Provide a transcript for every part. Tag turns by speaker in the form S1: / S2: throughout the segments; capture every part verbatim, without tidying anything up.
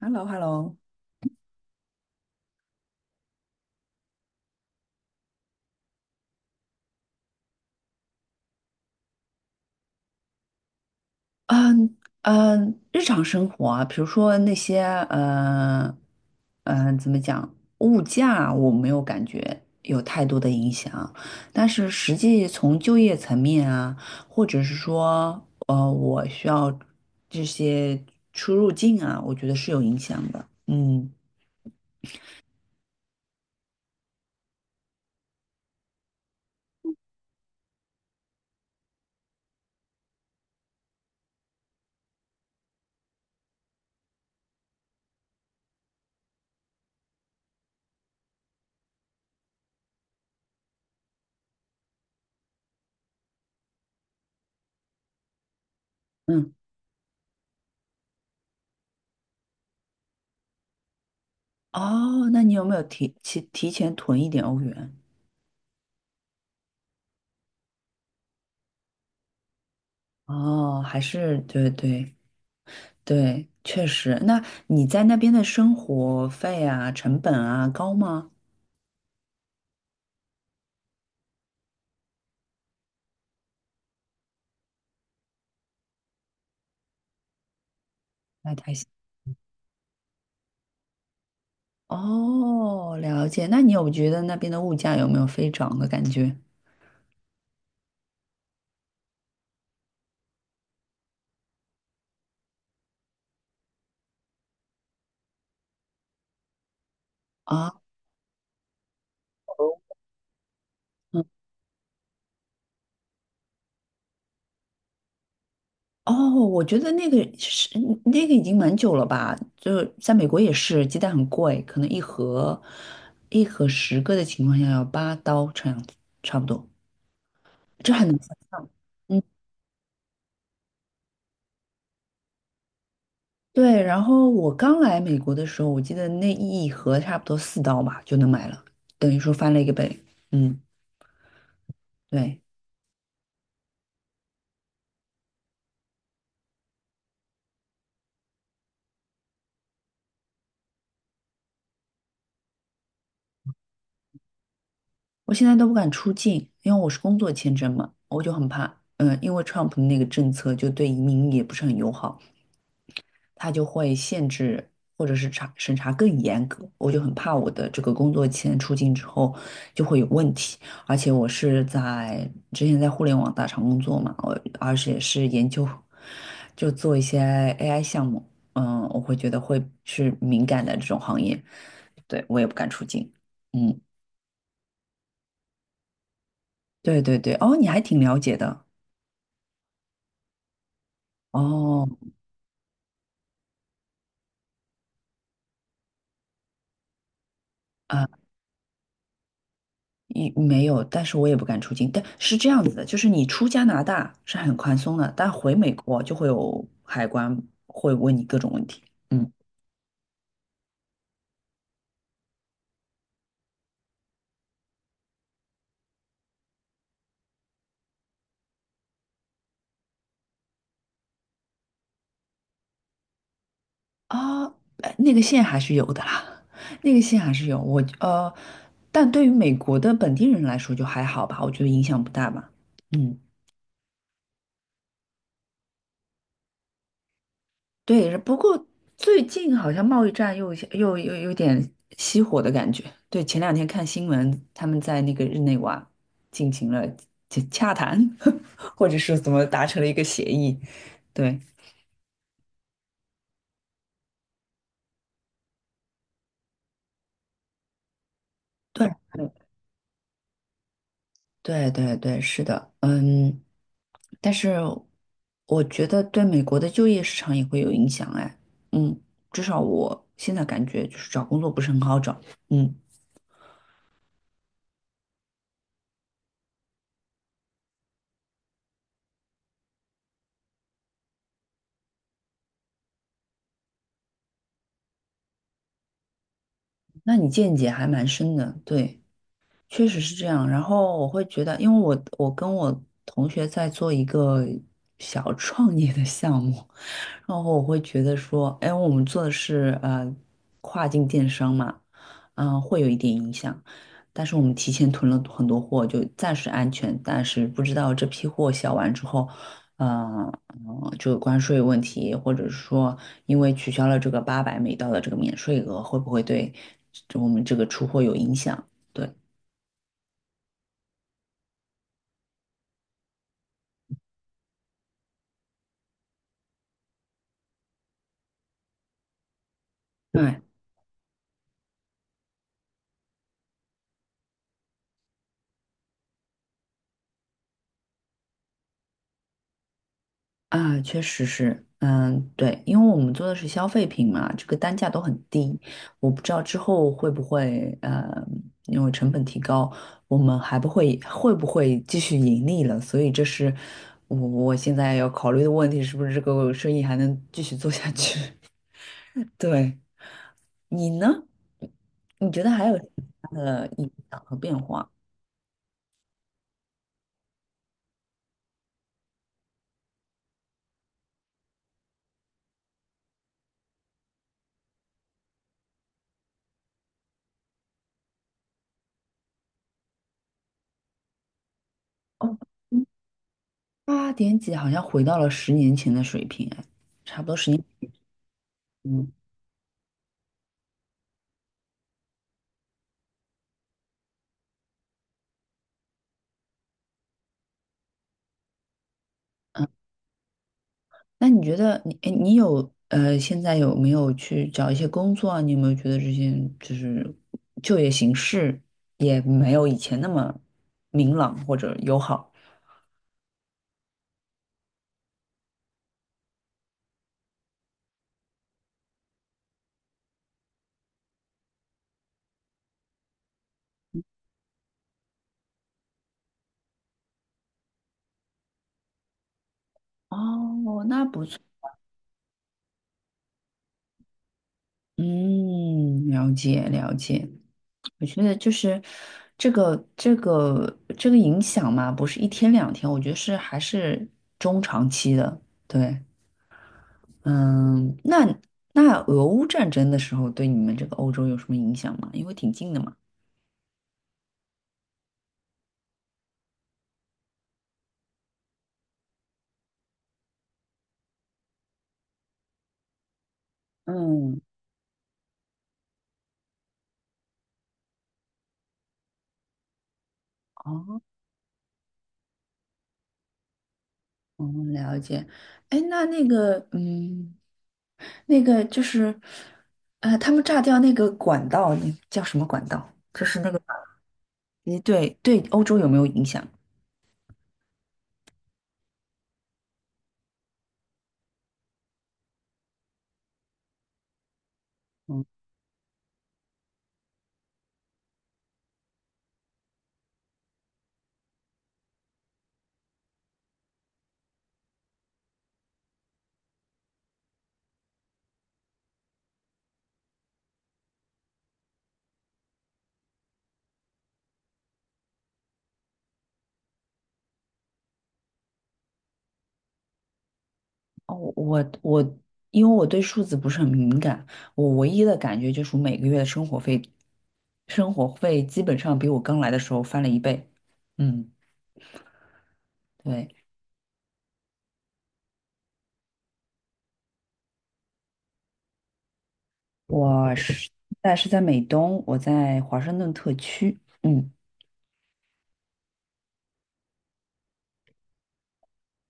S1: Hello，Hello，嗯嗯，日常生活啊，比如说那些呃嗯，呃怎么讲，物价我没有感觉有太多的影响，但是实际从就业层面啊，或者是说呃，我需要这些出入境啊，我觉得是有影响的。嗯嗯，哦，那你有没有提提提前囤一点欧元？哦，还是对对。对，确实。那你在那边的生活费啊、成本啊高吗？那太行。哦，了解。那你有觉得那边的物价有没有飞涨的感觉啊？嗯，哦，我觉得那个是那个已经蛮久了吧？就在美国也是，鸡蛋很贵，可能一盒一盒十个的情况下要八刀这样子，差不多，这还能难想嗯。对，然后我刚来美国的时候，我记得那一盒差不多四刀吧就能买了，等于说翻了一个倍。嗯，对，我现在都不敢出境，因为我是工作签证嘛，我就很怕。嗯，因为 Trump 那个政策就对移民也不是很友好。他就会限制或者是查审查更严格。我就很怕我的这个工作签出境之后就会有问题，而且我是在之前在互联网大厂工作嘛，我而且是研究就做一些 A I 项目。嗯，我会觉得会是敏感的这种行业，对，我也不敢出境。嗯，对对对，哦，你还挺了解的。哦，一没有，但是我也不敢出境。但是这样子的，就是你出加拿大是很宽松的，但回美国就会有海关会问你各种问题。嗯啊，呃那个线还是有的啦，那个线还是有。我呃，但对于美国的本地人来说就还好吧，我觉得影响不大吧。嗯。对，不过最近好像贸易战又又又有点熄火的感觉。对，前两天看新闻，他们在那个日内瓦进行了洽洽谈，或者是怎么达成了一个协议。对，对，嗯对，对，对，是的，嗯，但是我觉得对美国的就业市场也会有影响，哎，嗯，至少我现在感觉就是找工作不是很好找。嗯，那你见解还蛮深的，对。确实是这样，然后我会觉得，因为我我跟我同学在做一个小创业的项目，然后我会觉得说，哎，我们做的是呃跨境电商嘛，嗯，会有一点影响，但是我们提前囤了很多货，就暂时安全，但是不知道这批货销完之后，嗯、呃，就有关税问题，或者是说因为取消了这个八百美刀的这个免税额，会不会对我们这个出货有影响？对。对啊，确实是，嗯，对，因为我们做的是消费品嘛，这个单价都很低，我不知道之后会不会，呃，因为成本提高，我们还不会会不会继续盈利了，所以这是我我现在要考虑的问题，是不是这个生意还能继续做下去？对，你呢？你觉得还有什么其他的影响和变化？哦，八点几好像回到了十年前的水平，哎，差不多十年。那你觉得你，哎，你有呃，现在有没有去找一些工作啊？你有没有觉得这些就是就业形势也没有以前那么明朗或者友好？哦，那不错。嗯，了解了解。我觉得就是这个这个这个影响嘛，不是一天两天，我觉得是还是中长期的。对，嗯，那那俄乌战争的时候对你们这个欧洲有什么影响吗？因为挺近的嘛。嗯，哦，哦，了解。哎，那那个，嗯，那个就是，呃，他们炸掉那个管道，那叫什么管道？诶，对对，欧洲有没有影响？嗯，哦，我我，因为我对数字不是很敏感，我唯一的感觉就是我每个月的生活费，生活费基本上比我刚来的时候翻了一倍。嗯，对，我是，但是在美东，我在华盛顿特区。嗯。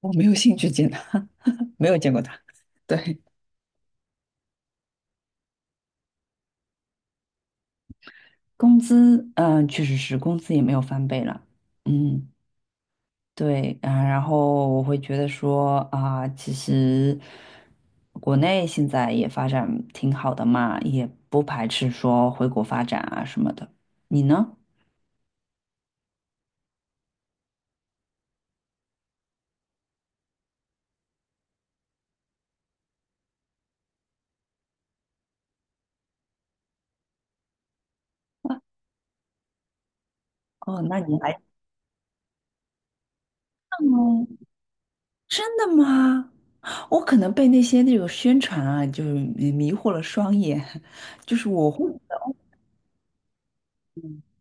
S1: 我没有兴趣见他，没有见过他。对，工资，嗯、确实是工资也没有翻倍了。嗯，对，啊、然后我会觉得说啊、其实国内现在也发展挺好的嘛，也不排斥说回国发展啊什么的。你呢？哦，那你还上哦，真的吗？我可能被那些那种宣传啊，就是迷迷惑了双眼，就是我会觉得。哦，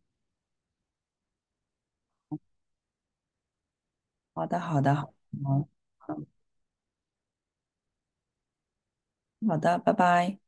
S1: 好的，好的，好的，嗯好的，拜拜。